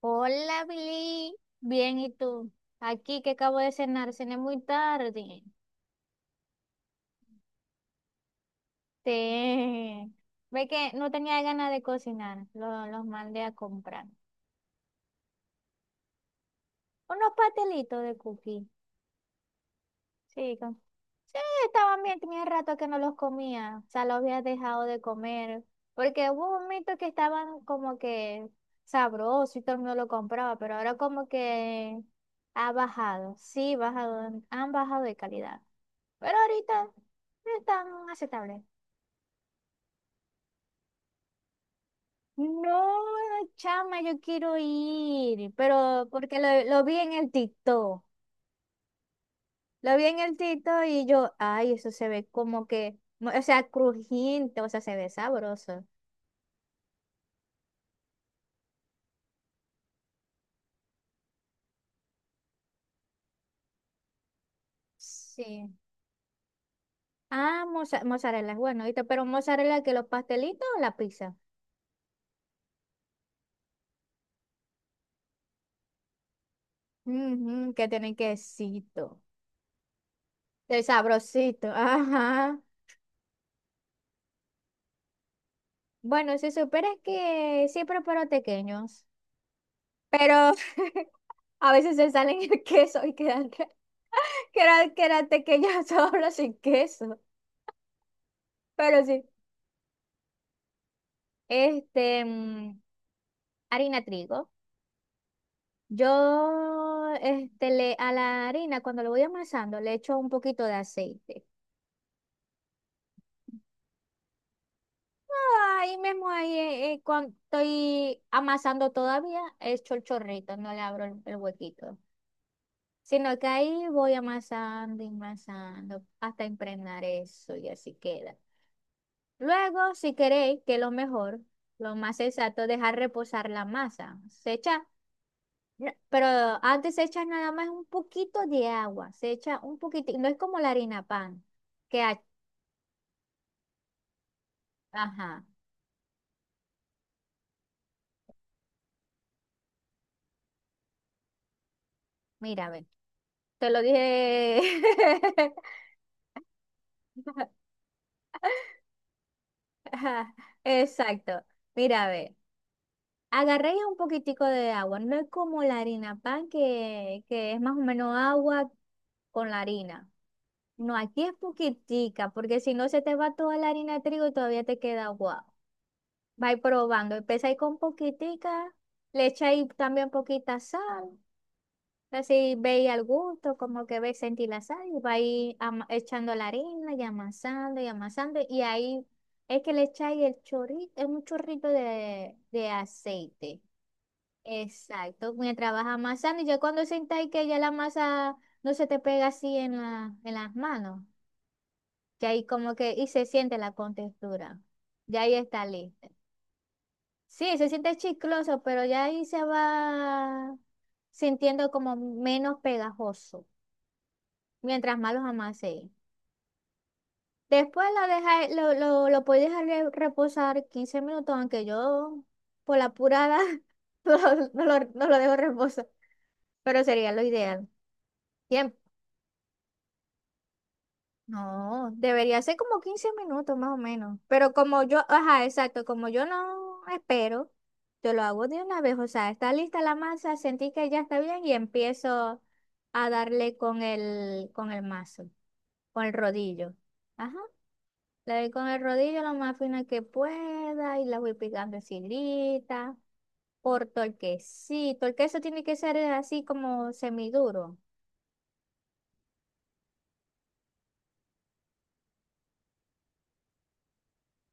Hola, Billy. Bien, ¿y tú? Aquí que acabo de cenar, cené muy tarde. Te... Ve que no tenía ganas de cocinar, los mandé a comprar. Unos pastelitos de cookie. Sí, sí, estaban bien, tenía rato que no los comía, o sea, los había dejado de comer, porque hubo un momento que estaban como que sabrosos y todo el mundo lo compraba, pero ahora como que ha bajado, sí, bajado, han bajado de calidad, pero ahorita están aceptables. No, chama, yo quiero ir, pero porque lo vi en el TikTok, lo vi en el TikTok y yo, ay, eso se ve como que, o sea, crujiente, o sea, se ve sabroso. Sí. Ah, mozzarella, es bueno, ¿viste? Pero mozzarella que los pastelitos o la pizza. Ujú, que tienen quesito. El sabrosito. Ajá. Bueno, si supieras que sí preparo tequeños, pero a veces se salen el queso y quedan, quedan pequeños solo sin queso. Pero sí. Este, harina trigo. Yo, este, a la harina, cuando lo voy amasando, le echo un poquito de aceite. Ahí mismo, ahí cuando estoy amasando todavía, he hecho el chorrito, no le abro el huequito, sino que ahí voy amasando y amasando hasta impregnar eso y así queda. Luego, si queréis, que lo mejor, lo más exacto, dejar reposar la masa. Se echa, pero antes se echa nada más un poquito de agua, se echa un poquitito, no es como la harina pan, que, ajá, mira, ve. Te lo dije. Ajá, exacto. Mira, a ver, agarré ya un poquitico de agua. No es como la harina pan, que, es más o menos agua con la harina. No, aquí es poquitica, porque si no se te va toda la harina de trigo y todavía te queda agua. Vais probando. Empezáis con poquitica, le echáis también poquita sal. Así veis al gusto, como que veis sentir la sal y vais echando la harina y amasando y amasando. Y ahí es que le echáis el chorrito, es un chorrito de, aceite. Exacto, mientras vas amasando. Y ya cuando sentáis que ya la masa no se te pega así en las manos, que ahí como que y se siente la contextura. Ya ahí está lista. Sí, se siente chicloso, pero ya ahí se va sintiendo como menos pegajoso, mientras más los amasé. Después lo puedes dejar reposar 15 minutos, aunque yo por la apurada no lo dejo reposar, pero sería lo ideal. Tiempo. No, debería ser como 15 minutos más o menos. Pero como yo, ajá, exacto, como yo no espero, yo lo hago de una vez. O sea, está lista la masa, sentí que ya está bien y empiezo a darle con el, mazo, con el rodillo. Ajá. Le doy con el rodillo lo más fina que pueda y la voy picando en filita, por torquecito. El queso tiene que ser así como semiduro.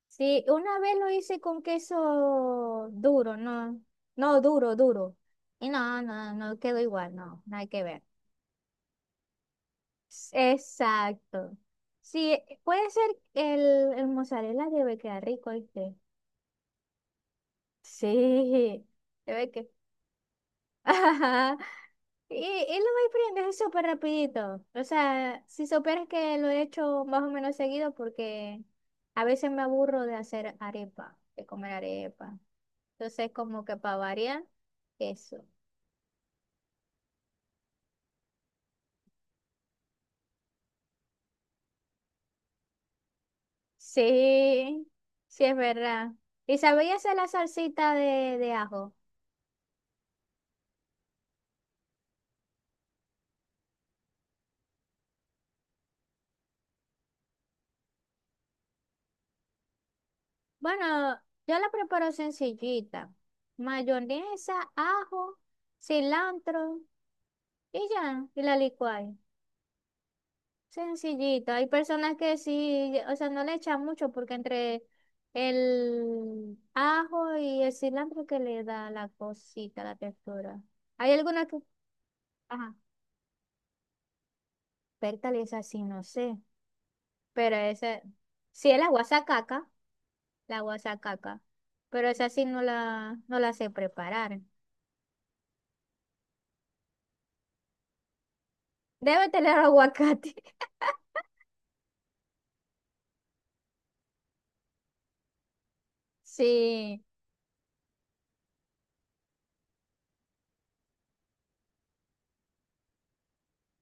Sí, una vez lo hice con queso duro, no, no duro, duro. Y no, no, no quedó igual, no, nada que ver. Exacto. Sí, puede ser el, mozzarella debe quedar rico, ¿viste? Sí, debe que. Y lo voy aprendiendo súper rapidito. O sea, si supieras que lo he hecho más o menos seguido porque a veces me aburro de hacer arepa, de comer arepa. Entonces, como que para variar, eso. Sí, sí es verdad. ¿Y sabéis hacer la salsita de ajo? Bueno, yo la preparo sencillita. Mayonesa, ajo, cilantro y ya, y la licuáis. Sencillito. Hay personas que sí, o sea, no le echan mucho porque entre el ajo y el cilantro que le da la cosita, la textura. Hay algunas que, ajá, pértale es así, no sé. Pero esa, sí es la guasacaca, la guasacaca. Pero esa sí no la, sé preparar. Debe tener aguacate. Sí,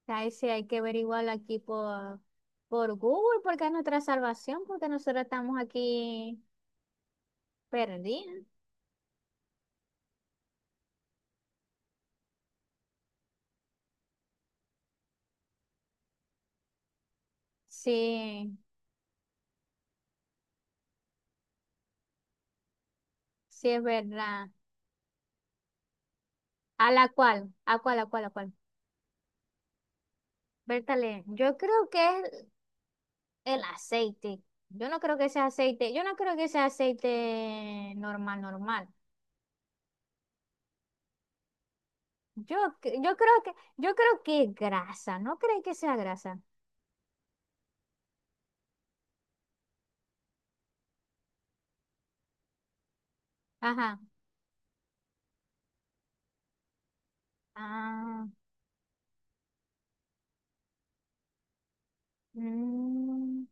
ahí sí hay que averiguar aquí por Google, porque es nuestra salvación, porque nosotros estamos aquí perdida. Sí, sí es verdad. ¿A la cual? ¿A cuál? ¿A cuál? ¿A cuál? Bertale, yo creo que es el aceite. Yo no creo que sea aceite, yo no creo que sea aceite normal, normal. Yo creo que es grasa, ¿no crees que sea grasa? Ajá. Ah, mm.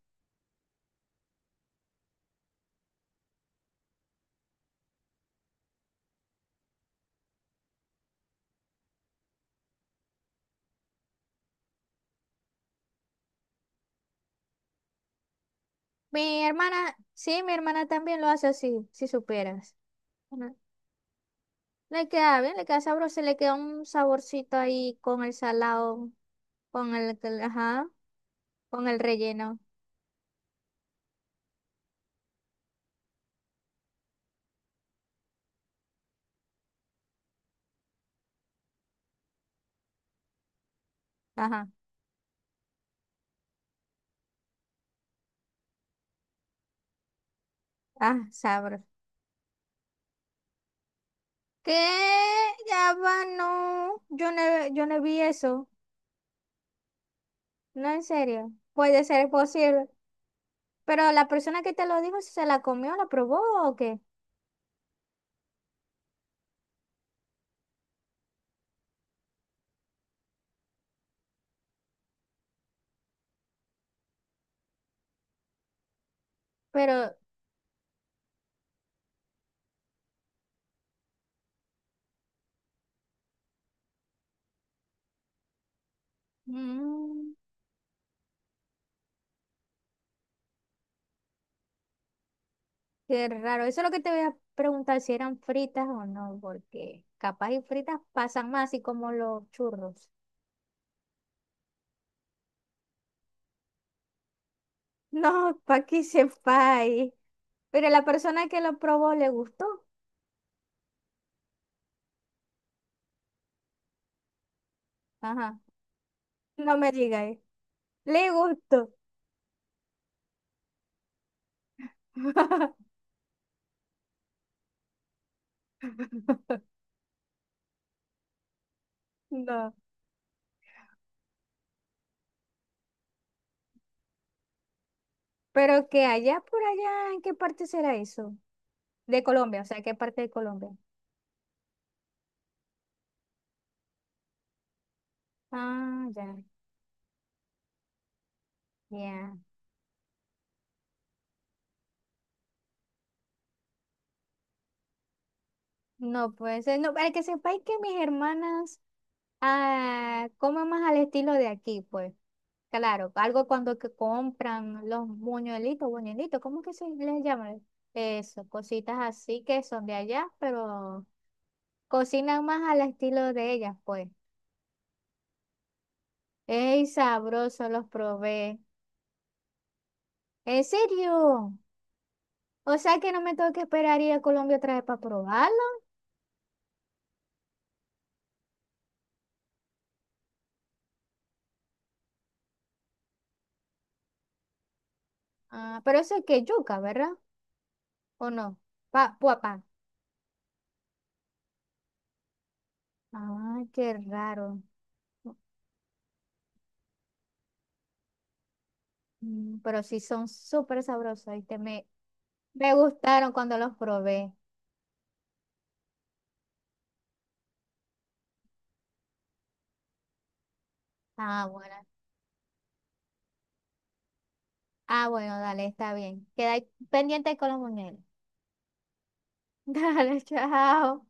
Mi hermana, sí, mi hermana también lo hace así, si superas. Ajá. Le queda bien, le queda sabroso, le queda un saborcito ahí con el salado. Ajá, con el relleno. Ajá. Ah, sabro. ¿Qué? Ya va, no. Yo no vi eso. No, en serio. Puede ser posible. Pero la persona que te lo dijo, si ¿se la comió, la probó o qué? Pero, mm, qué raro. Eso es lo que te voy a preguntar si eran fritas o no, porque capaz y fritas pasan más así como los churros. No, pa' que sepáis. Pero la persona que lo probó le gustó. Ajá. No me digas. Le gustó. No. Pero que allá por allá, ¿en qué parte será eso? De Colombia, o sea, ¿qué parte de Colombia? Ah, ya, ya. No puede ser. No, para que sepáis que mis hermanas comen más al estilo de aquí, pues. Claro, algo cuando que compran los buñuelitos, buñuelitos, ¿cómo que se les llama? Eso, cositas así que son de allá, pero cocinan más al estilo de ellas, pues. Es sabroso, los probé. ¿En serio? O sea que no me tengo que esperar ir a Colombia otra vez para probarlo. Ah, pero eso es que yuca, ¿verdad? ¿O no? Pa, puapá. Ah, qué raro. Pero sí son súper sabrosos, ¿viste? Me gustaron cuando los probé. Ah, bueno. Ah, bueno, dale, está bien. Queda pendiente con los muñecos. Dale, chao.